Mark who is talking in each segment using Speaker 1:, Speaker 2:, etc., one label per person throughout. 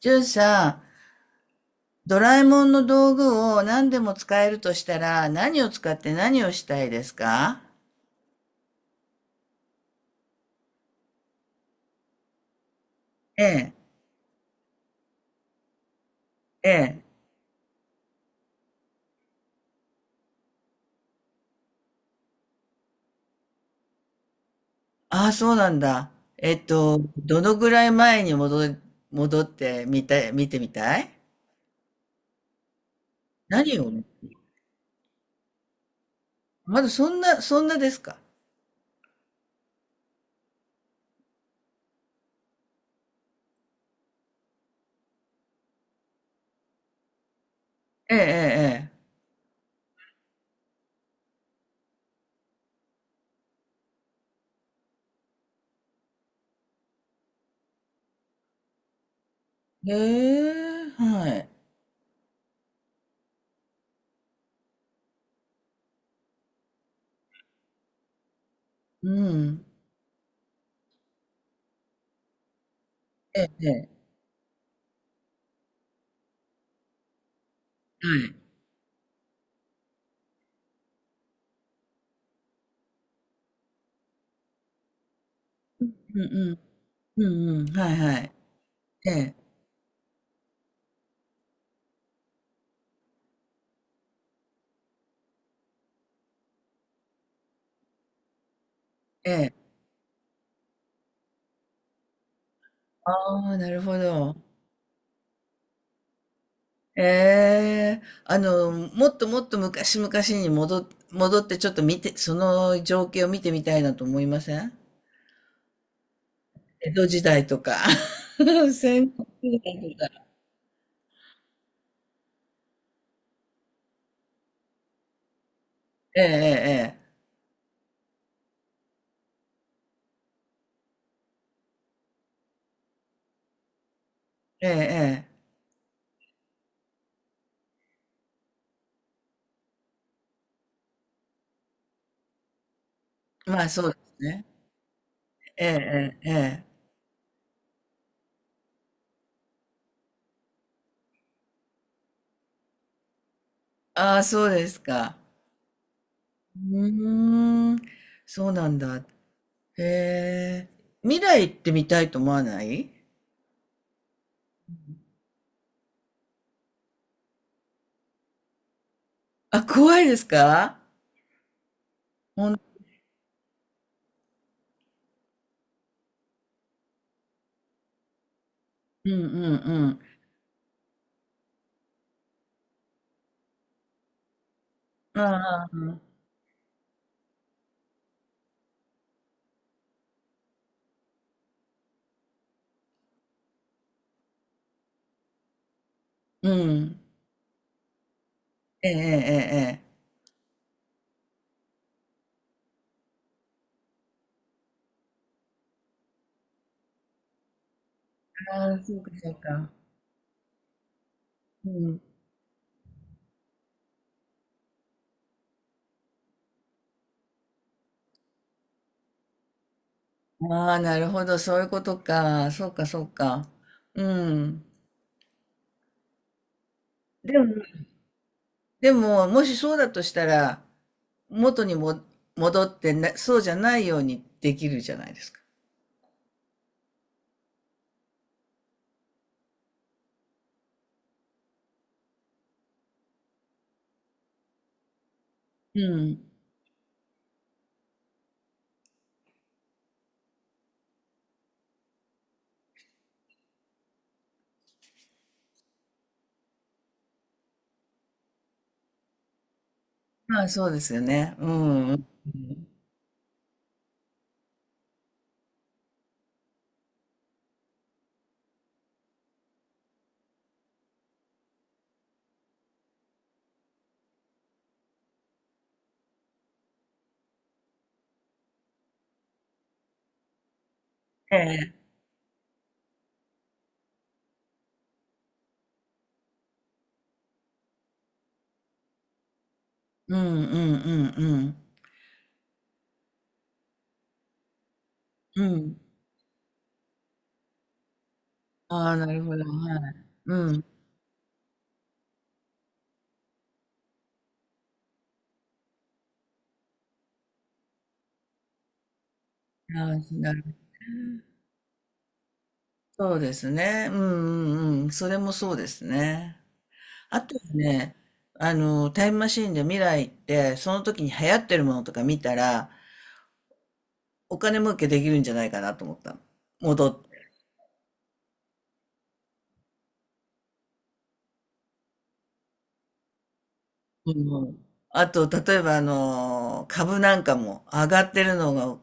Speaker 1: じュンさん、ドラえもんの道具を何でも使えるとしたら、何を使って何をしたいですか？ええ、ええ。ああ、そうなんだ。どのぐらい前に戻ってみたい、見てみたい？何を？まだそんな、そんなですか？ええ、ええ、ええ。ええ、はい。うん。ええ、ええ。はい。うんうん。うんうん。はいはい。ええ、ええ。ああ、なるほど。ええ、もっともっと昔々に戻ってちょっと見て、その情景を見てみたいなと思いません？江戸時代とか、戦国時代とか。ええええええええ、まあそうですね。ええええええ。ああ、そうですか。うーん、そうなんだ。へえ。未来行ってみたいと思わない？あ、怖いですか？うんうんうん。ああ、うん。ええええええ。ああ、そうか、そうか。うん。ああ、なるほど、そういうことか。そうか、そうか。うん。でも、でも、もしそうだとしたら、元にも戻って、そうじゃないようにできるじゃないですか。うん。まあ、そうですよね。うん。うん。ええ。うん、うん、うん、うん。うん。ああ、なるほど。はい。うん。ああ、なるほど。そうですね。うん、うん、うん。それもそうですね。あとはね、タイムマシーンで未来行って、その時に流行ってるものとか見たら、お金儲けできるんじゃないかなと思ったの。戻って。うん。あと、例えば、あの、株なんかも上がってるのが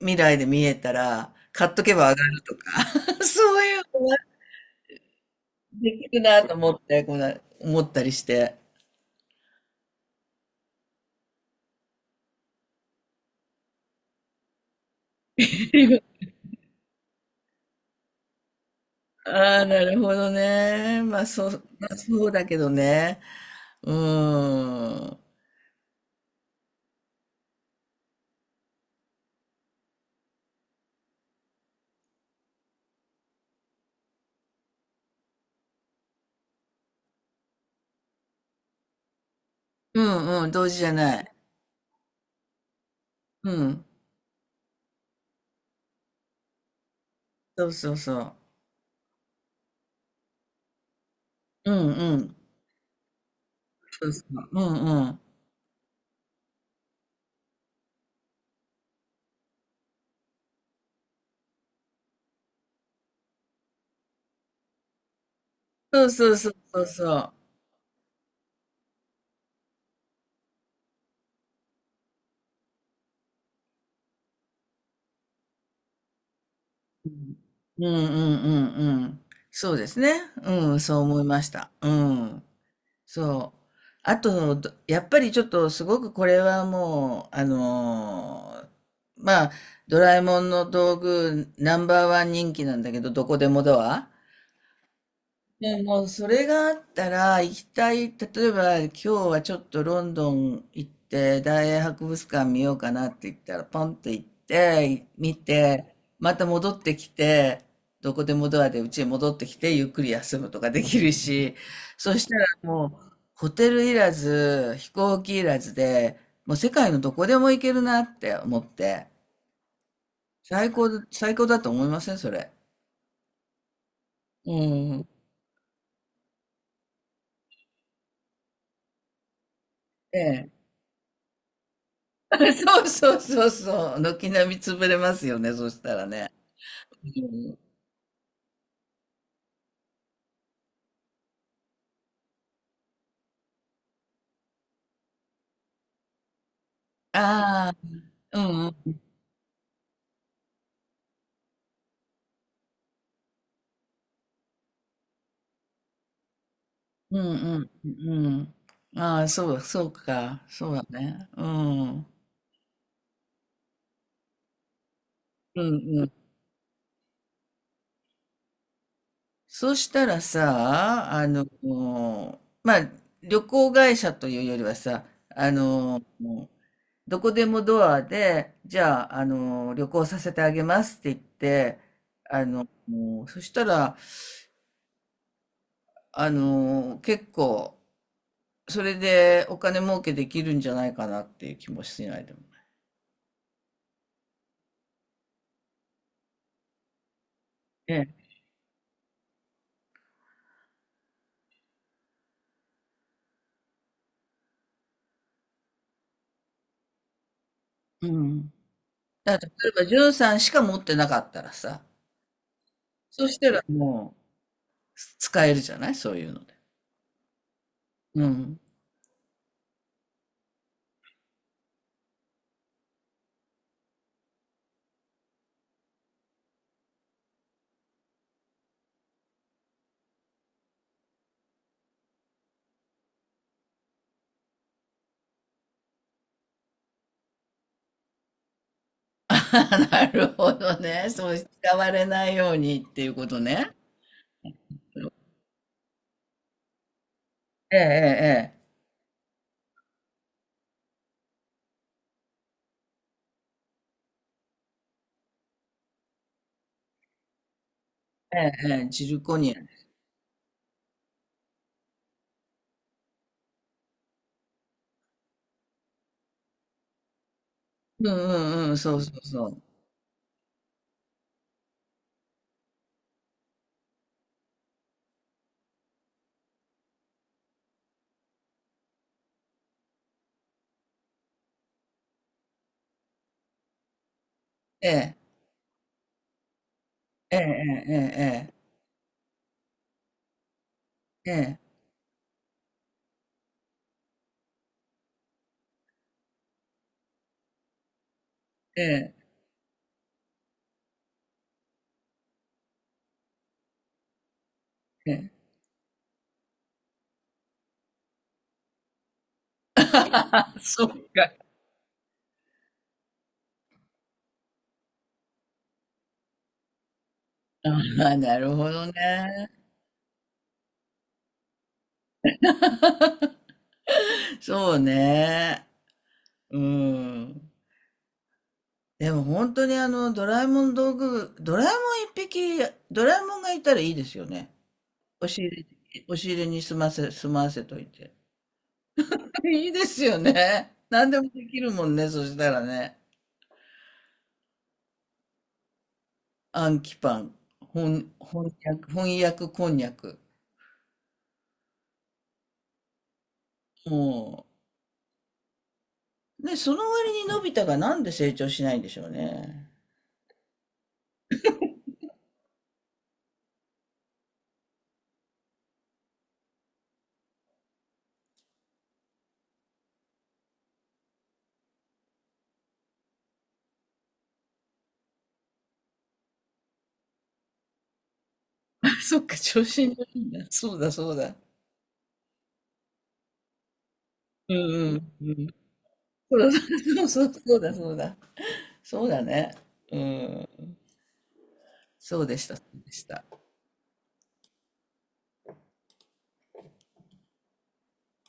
Speaker 1: 未来で見えたら、買っとけば上がるとか、そういうのができるなと思って、こんな思ったりして。ああ、なるほどね。まあ、そう、まあ、そうだけどね。うーん。うんうん、同時じゃない。うん。そうそうそう。うんうん。そうそう。うんうん。そうそうそうそうそう。うんうんうんうんうん。そうですね。うん、そう思いました。うん。そう。あと、やっぱりちょっとすごくこれはもう、まあ、ドラえもんの道具ナンバーワン人気なんだけど、どこでもドア。でもうそれがあったら行きたい、例えば今日はちょっとロンドン行って大英博物館見ようかなって言ったらポンって行って見てまた戻ってきて、どこでもドアでうちへ戻ってきてゆっくり休むとかできるし、そしたらもうホテルいらず飛行機いらずで、もう世界のどこでも行けるなって思って、最高、最高だと思いませんそれ？うん。ええ。 そうそうそうそう。軒並み潰れますよね、そしたらね。ああー、うんうん。うんうん。うん。ああ、そう、そうか。そうだね。うん。うんうん。そしたらさ、あの、まあ、旅行会社というよりはさ、あの、どこでもドアで、じゃあ、あの、旅行させてあげますって言って、もう、そしたら、あの、結構、それでお金儲けできるんじゃないかなっていう気もしないでもないね。えうん。だから例えば、ジュさんしか持ってなかったらさ、そしたらもう使えるじゃない、そういうので。うん。あなるほどね。そう使われないようにっていうことね。ええ、ええ、ええ、ええ、ジルコニアね。うんうんうん、そうそうそう。ええ、ええ、ええ、ええ、ええ、ええ。あ、そうか。ああ、なるほどね。そうね。うん。でも本当にあの、ドラえもん道具、ドラえもん一匹、ドラえもんがいたらいいですよね。押し入れに済まわせといて。いいですよね。何でもできるもんね、そしたらね。暗記パン、翻訳こんにゃく。もう、ね、その割にのび太がなんで成長しないんでしょうね。あそっか、調子に乗るんだ。そうだ、そうだ。うんうんうん。そうだ、そうそうそうだ、そうだ。そうだね。うん。そうでした、そうでした。